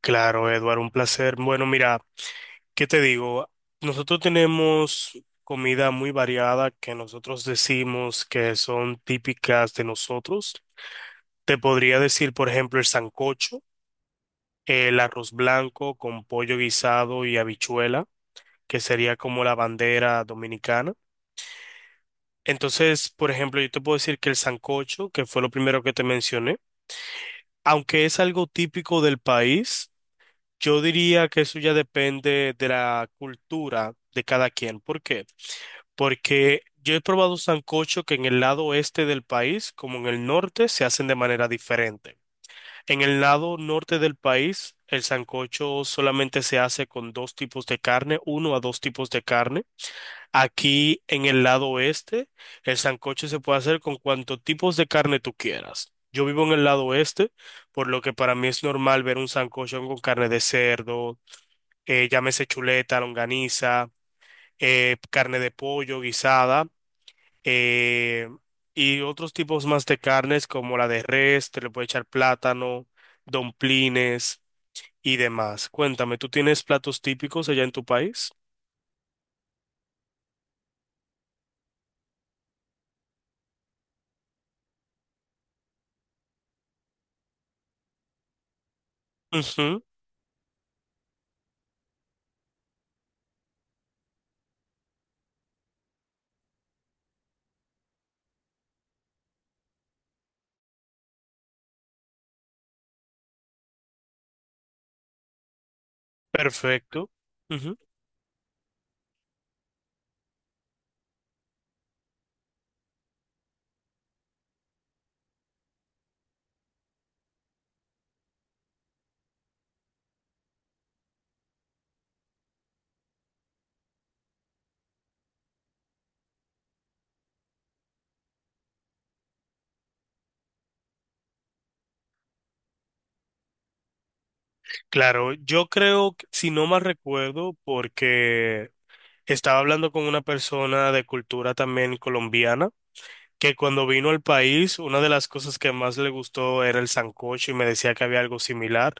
Claro, Eduardo, un placer. Bueno, mira, ¿qué te digo? Nosotros tenemos comida muy variada que nosotros decimos que son típicas de nosotros. Te podría decir, por ejemplo, el sancocho, el arroz blanco con pollo guisado y habichuela, que sería como la bandera dominicana. Entonces, por ejemplo, yo te puedo decir que el sancocho, que fue lo primero que te mencioné, aunque es algo típico del país, yo diría que eso ya depende de la cultura de cada quien. ¿Por qué? Porque yo he probado sancocho que en el lado oeste del país, como en el norte, se hacen de manera diferente. En el lado norte del país, el sancocho solamente se hace con dos tipos de carne, uno a dos tipos de carne. Aquí en el lado oeste, el sancocho se puede hacer con cuantos tipos de carne tú quieras. Yo vivo en el lado oeste, por lo que para mí es normal ver un sancocho con carne de cerdo, llámese chuleta, longaniza, carne de pollo guisada, eh, y otros tipos más de carnes como la de res, te le puede echar plátano, domplines y demás. Cuéntame, ¿tú tienes platos típicos allá en tu país? Ujú, perfecto. Ujú. Claro, yo creo, si no mal recuerdo, porque estaba hablando con una persona de cultura también colombiana, que cuando vino al país, una de las cosas que más le gustó era el sancocho y me decía que había algo similar.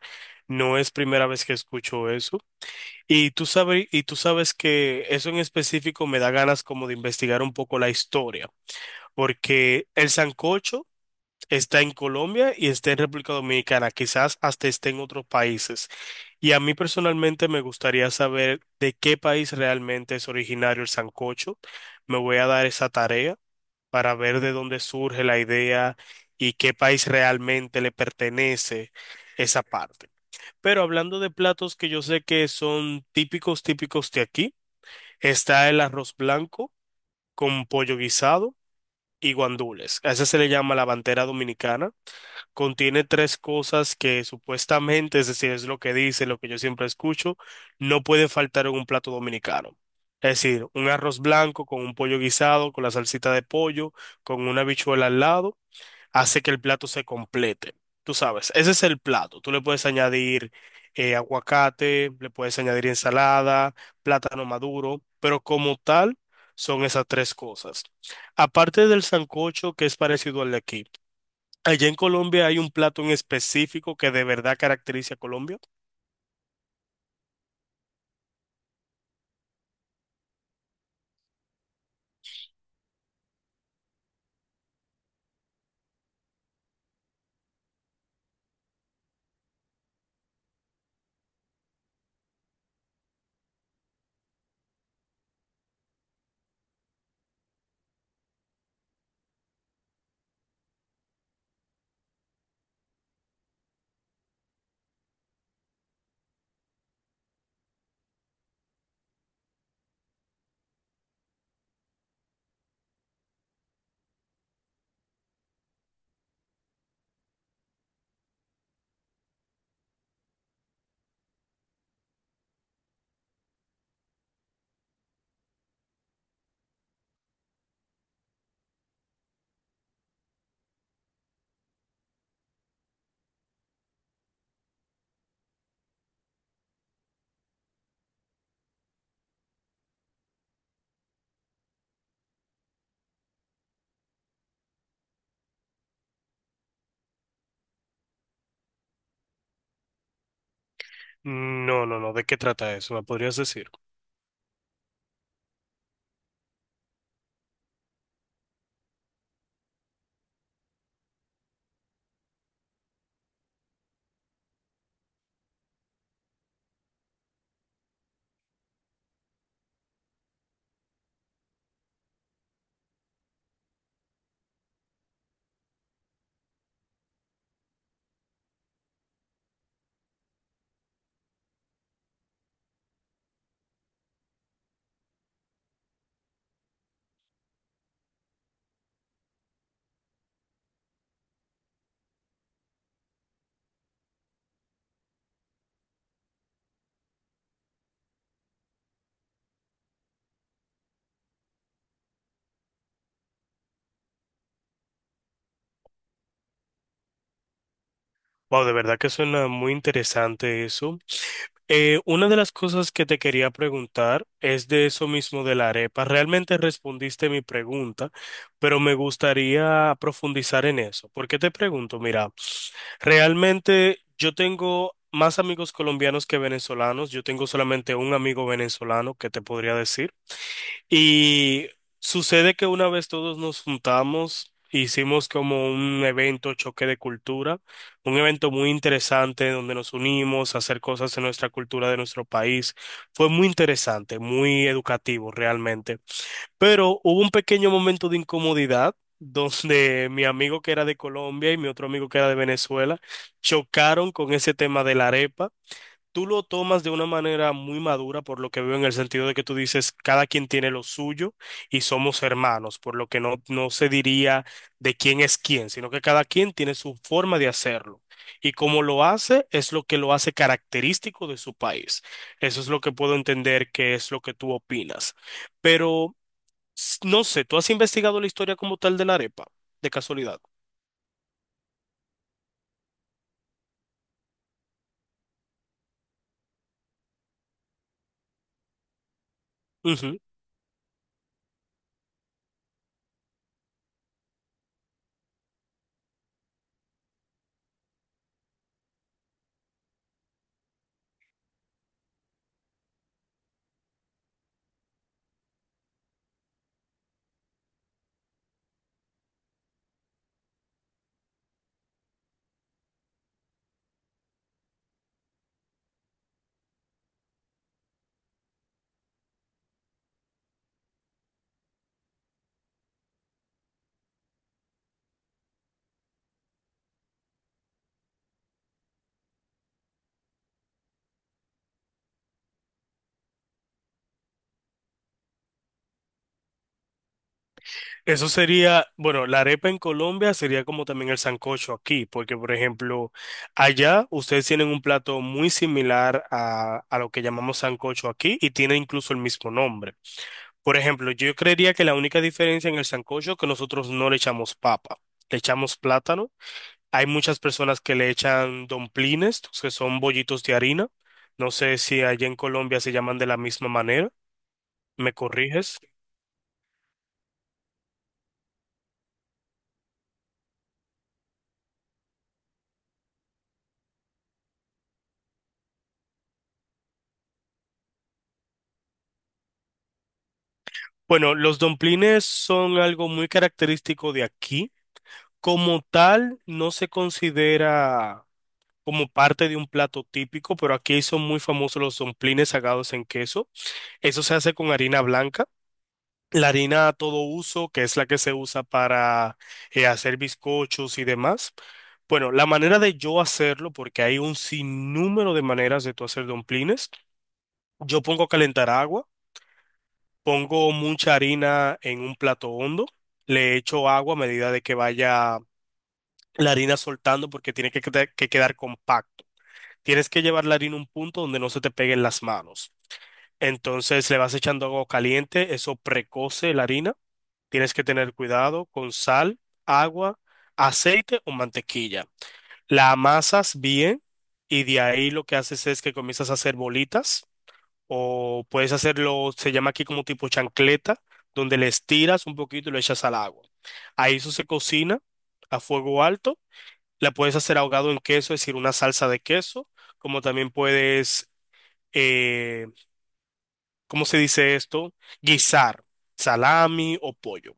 No es primera vez que escucho eso. Y tú sabes que eso en específico me da ganas como de investigar un poco la historia, porque el sancocho está en Colombia y está en República Dominicana, quizás hasta esté en otros países. Y a mí personalmente me gustaría saber de qué país realmente es originario el sancocho. Me voy a dar esa tarea para ver de dónde surge la idea y qué país realmente le pertenece esa parte. Pero hablando de platos que yo sé que son típicos, típicos de aquí, está el arroz blanco con pollo guisado y guandules. A ese se le llama la bandera dominicana. Contiene tres cosas que supuestamente, es decir, es lo que dice, lo que yo siempre escucho, no puede faltar en un plato dominicano. Es decir, un arroz blanco con un pollo guisado, con la salsita de pollo, con una habichuela al lado hace que el plato se complete. Tú sabes, ese es el plato. Tú le puedes añadir aguacate, le puedes añadir ensalada, plátano maduro, pero como tal son esas tres cosas. Aparte del sancocho, que es parecido al de aquí. Allá en Colombia hay un plato en específico que de verdad caracteriza a Colombia. No, no, no. ¿De qué trata eso? ¿Me podrías decir? Wow, de verdad que suena muy interesante eso. Una de las cosas que te quería preguntar es de eso mismo de la arepa. Realmente respondiste mi pregunta, pero me gustaría profundizar en eso. ¿Por qué te pregunto? Mira, realmente yo tengo más amigos colombianos que venezolanos. Yo tengo solamente un amigo venezolano que te podría decir. Y sucede que una vez todos nos juntamos, hicimos como un evento choque de cultura, un evento muy interesante donde nos unimos a hacer cosas de nuestra cultura, de nuestro país. Fue muy interesante, muy educativo realmente. Pero hubo un pequeño momento de incomodidad donde mi amigo que era de Colombia y mi otro amigo que era de Venezuela chocaron con ese tema de la arepa. Tú lo tomas de una manera muy madura, por lo que veo, en el sentido de que tú dices, cada quien tiene lo suyo y somos hermanos, por lo que no, no se diría de quién es quién, sino que cada quien tiene su forma de hacerlo. Y como lo hace, es lo que lo hace característico de su país. Eso es lo que puedo entender que es lo que tú opinas. Pero no sé, ¿tú has investigado la historia como tal de la arepa, de casualidad? Eso sería, bueno, la arepa en Colombia sería como también el sancocho aquí, porque por ejemplo, allá ustedes tienen un plato muy similar a lo que llamamos sancocho aquí y tiene incluso el mismo nombre. Por ejemplo, yo creería que la única diferencia en el sancocho es que nosotros no le echamos papa, le echamos plátano. Hay muchas personas que le echan domplines, que son bollitos de harina. No sé si allá en Colombia se llaman de la misma manera. ¿Me corriges? Bueno, los domplines son algo muy característico de aquí. Como tal, no se considera como parte de un plato típico, pero aquí son muy famosos los domplines sagados en queso. Eso se hace con harina blanca. La harina a todo uso, que es la que se usa para hacer bizcochos y demás. Bueno, la manera de yo hacerlo, porque hay un sinnúmero de maneras de tú hacer domplines, yo pongo a calentar agua. Pongo mucha harina en un plato hondo, le echo agua a medida de que vaya la harina soltando porque tiene que, que quedar compacto. Tienes que llevar la harina a un punto donde no se te peguen las manos. Entonces le vas echando agua caliente, eso precoce la harina. Tienes que tener cuidado con sal, agua, aceite o mantequilla. La amasas bien y de ahí lo que haces es que comienzas a hacer bolitas. O puedes hacerlo, se llama aquí como tipo chancleta, donde le estiras un poquito y lo echas al agua. Ahí eso se cocina a fuego alto. La puedes hacer ahogado en queso, es decir, una salsa de queso, como también puedes, eh, ¿cómo se dice esto? Guisar salami o pollo.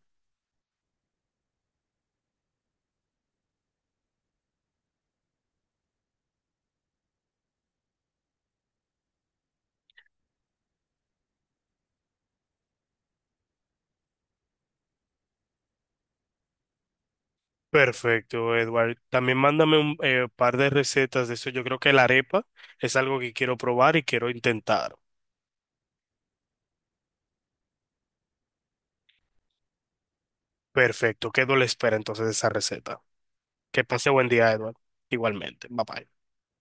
Perfecto, Edward. También mándame un par de recetas de eso. Yo creo que la arepa es algo que quiero probar y quiero intentar. Perfecto, quedo a la espera entonces de esa receta. Que pase buen día, Edward. Igualmente. Bye bye.